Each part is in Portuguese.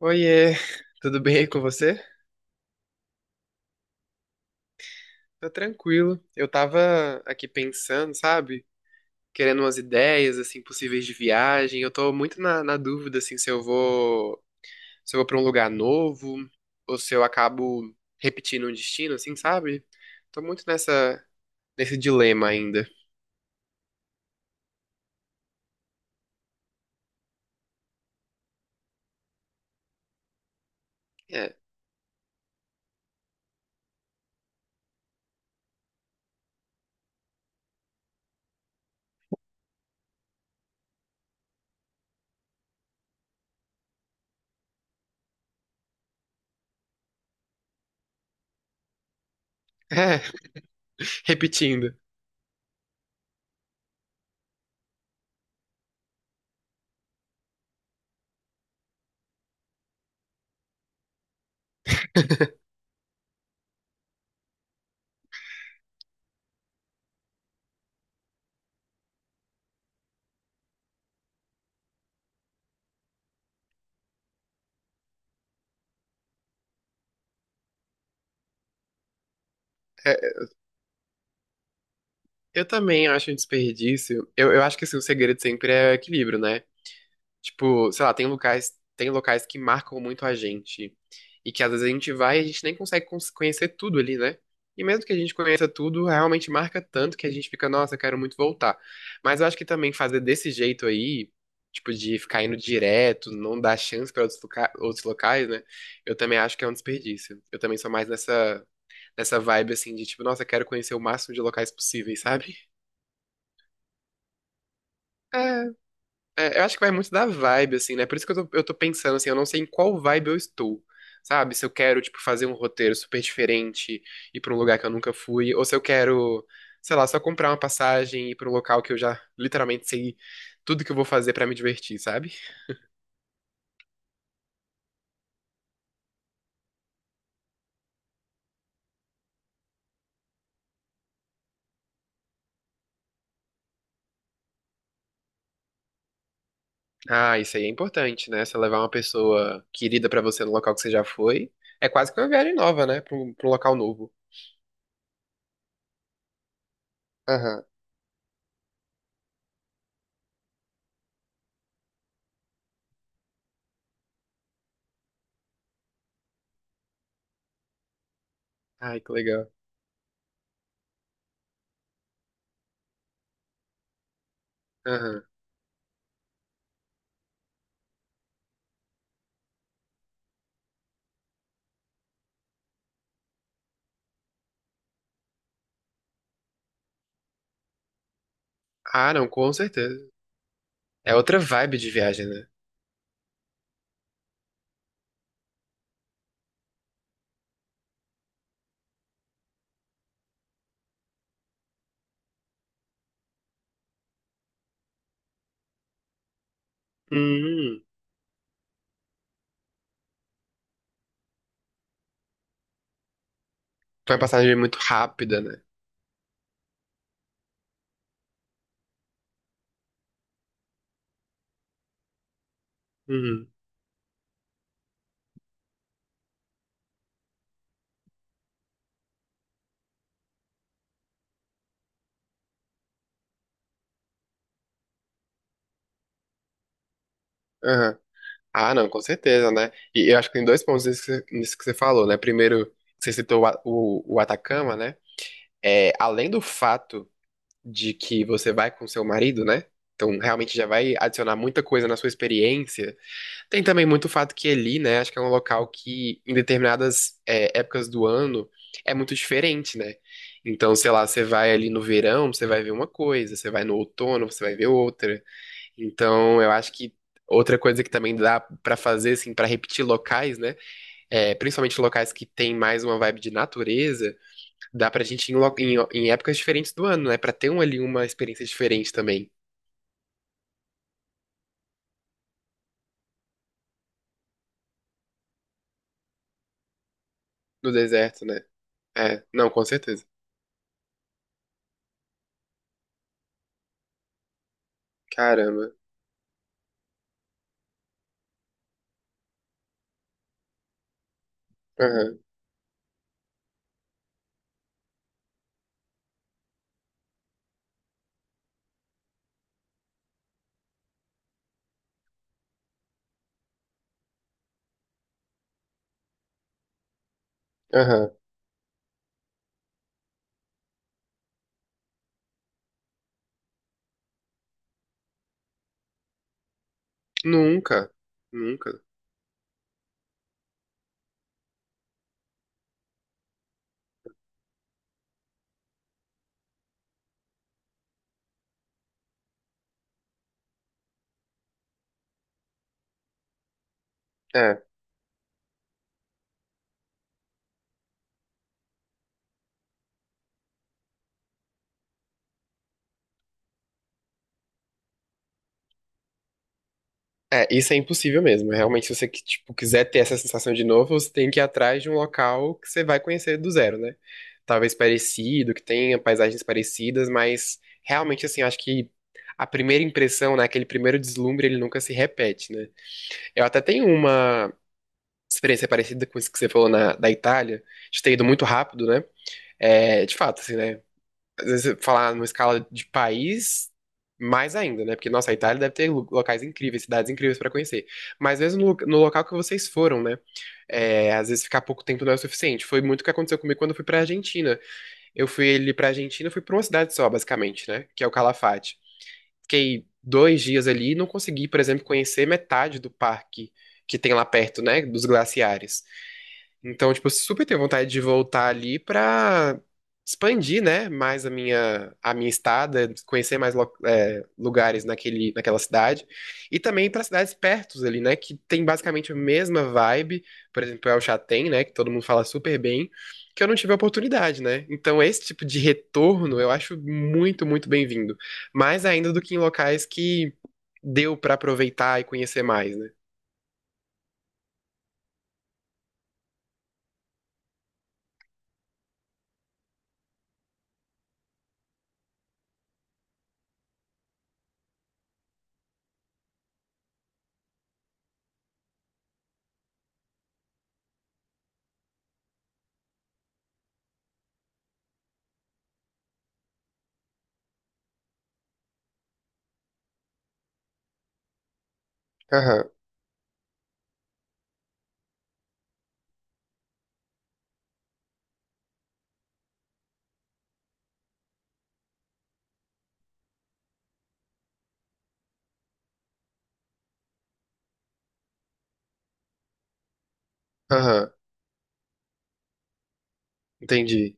Oiê, tudo bem aí com você? Tá tranquilo. Eu tava aqui pensando, sabe? Querendo umas ideias, assim, possíveis de viagem. Eu tô muito na dúvida, assim, se eu vou pra um lugar novo ou se eu acabo repetindo um destino, assim, sabe? Tô muito nessa, nesse dilema ainda. É. É, repetindo. É, eu também acho um desperdício. Eu acho que, assim, o segredo sempre é o equilíbrio, né? Tipo, sei lá, tem locais que marcam muito a gente. E que às vezes a gente vai e a gente nem consegue conhecer tudo ali, né? E mesmo que a gente conheça tudo, realmente marca tanto que a gente fica, nossa, quero muito voltar. Mas eu acho que também fazer desse jeito aí, tipo, de ficar indo direto, não dar chance para outros, outros locais, né? Eu também acho que é um desperdício. Eu também sou mais nessa, nessa vibe, assim, de tipo, nossa, quero conhecer o máximo de locais possíveis, sabe? É, eu acho que vai muito da vibe, assim, né? Por isso que eu tô pensando, assim, eu não sei em qual vibe eu estou, sabe? Se eu quero, tipo, fazer um roteiro super diferente, ir pra um lugar que eu nunca fui, ou se eu quero, sei lá, só comprar uma passagem e ir pra um local que eu já literalmente sei tudo que eu vou fazer pra me divertir, sabe? Ah, isso aí é importante, né? Você levar uma pessoa querida pra você no local que você já foi, é quase que uma viagem nova, né? Pra um local novo. Aham. Ai, que legal. Aham. Ah, não, com certeza. É outra vibe de viagem, né? Hum. Foi uma passagem muito rápida, né? Uhum. Aham. Ah, não, com certeza, né? E eu acho que tem dois pontos nisso que você falou, né? Primeiro, você citou o Atacama, né? É, além do fato de que você vai com seu marido, né? Então, realmente já vai adicionar muita coisa na sua experiência. Tem também muito o fato que ali, né? Acho que é um local que, em determinadas, é, épocas do ano, é muito diferente, né? Então, sei lá, você vai ali no verão, você vai ver uma coisa, você vai no outono, você vai ver outra. Então, eu acho que outra coisa que também dá pra fazer, assim, pra repetir locais, né? É, principalmente locais que tem mais uma vibe de natureza, dá pra gente ir em, em épocas diferentes do ano, né? Pra ter um, ali uma experiência diferente também no deserto, né? É, não, com certeza. Caramba. Aham, aham. Nunca, nunca. É. É, isso é impossível mesmo. Realmente, se você que, tipo, quiser ter essa sensação de novo, você tem que ir atrás de um local que você vai conhecer do zero, né? Talvez parecido, que tenha paisagens parecidas, mas realmente, assim, eu acho que a primeira impressão, né, aquele primeiro deslumbre, ele nunca se repete, né? Eu até tenho uma experiência parecida com isso que você falou na, da Itália, de ter ido muito rápido, né? É, de fato, assim, né? Às vezes, você falar numa escala de país, mais ainda, né? Porque, nossa, a Itália deve ter locais incríveis, cidades incríveis pra conhecer. Mas mesmo no, no local que vocês foram, né? É, às vezes ficar pouco tempo não é o suficiente. Foi muito o que aconteceu comigo quando eu fui pra Argentina. Eu fui ali pra Argentina, fui pra uma cidade só, basicamente, né? Que é o Calafate. Fiquei 2 dias ali e não consegui, por exemplo, conhecer metade do parque que tem lá perto, né? Dos glaciares. Então, tipo, eu super tenho vontade de voltar ali pra expandir, né, mais a minha estada, conhecer mais lugares naquela cidade. E também para cidades pertos ali, né, que tem basicamente a mesma vibe. Por exemplo, El Chatem, né, que todo mundo fala super bem, que eu não tive a oportunidade, né. Então, esse tipo de retorno eu acho muito, muito bem-vindo. Mais ainda do que em locais que deu pra aproveitar e conhecer mais, né. Aham, aham, entendi.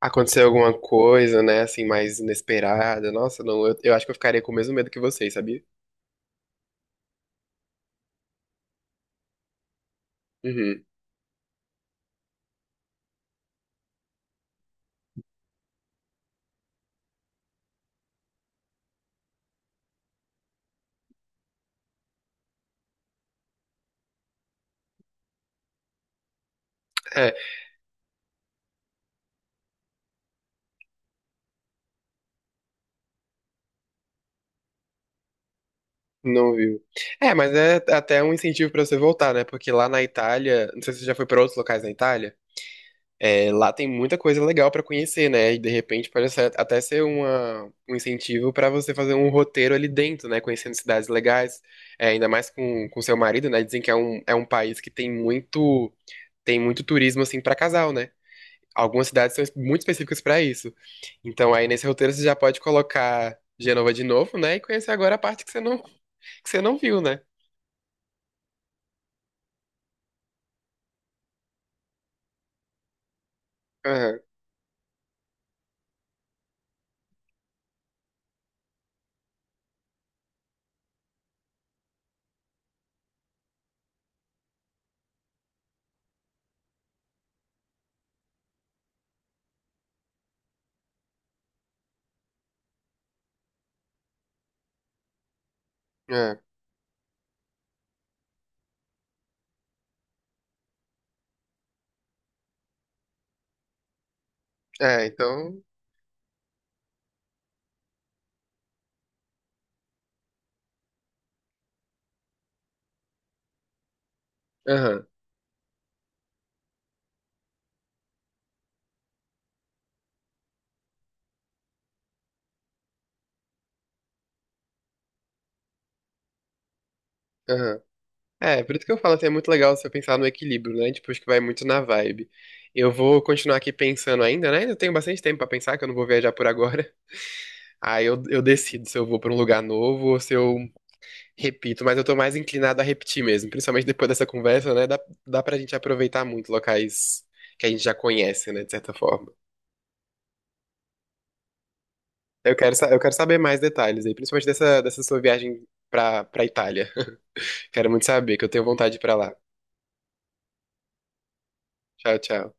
Aconteceu alguma coisa, né, assim, mais inesperada. Nossa, não, eu acho que eu ficaria com o mesmo medo que vocês, sabia? Uhum. É, não viu. É, mas é até um incentivo pra você voltar, né? Porque lá na Itália, não sei se você já foi pra outros locais na Itália, é, lá tem muita coisa legal pra conhecer, né? E de repente até ser uma, um incentivo pra você fazer um roteiro ali dentro, né? Conhecendo cidades legais, é, ainda mais com seu marido, né? Dizem que é um país que tem muito turismo assim pra casal, né? Algumas cidades são muito específicas para isso. Então, aí nesse roteiro você já pode colocar Genova de novo, né? E conhecer agora a parte que você não viu, né? Aham, aham. É, então. Aham, aham. É, por isso que eu falo assim, é muito legal você pensar no equilíbrio, né? Tipo, acho que vai muito na vibe. Eu vou continuar aqui pensando ainda, né? Eu tenho bastante tempo pra pensar, que eu não vou viajar por agora. Eu decido se eu vou pra um lugar novo ou se eu repito, mas eu tô mais inclinado a repetir mesmo, principalmente depois dessa conversa, né? Dá, dá pra gente aproveitar muito locais que a gente já conhece, né, de certa forma. Eu quero saber mais detalhes aí, principalmente dessa sua viagem pra Itália. Quero muito saber, que eu tenho vontade de ir pra lá. Tchau, tchau.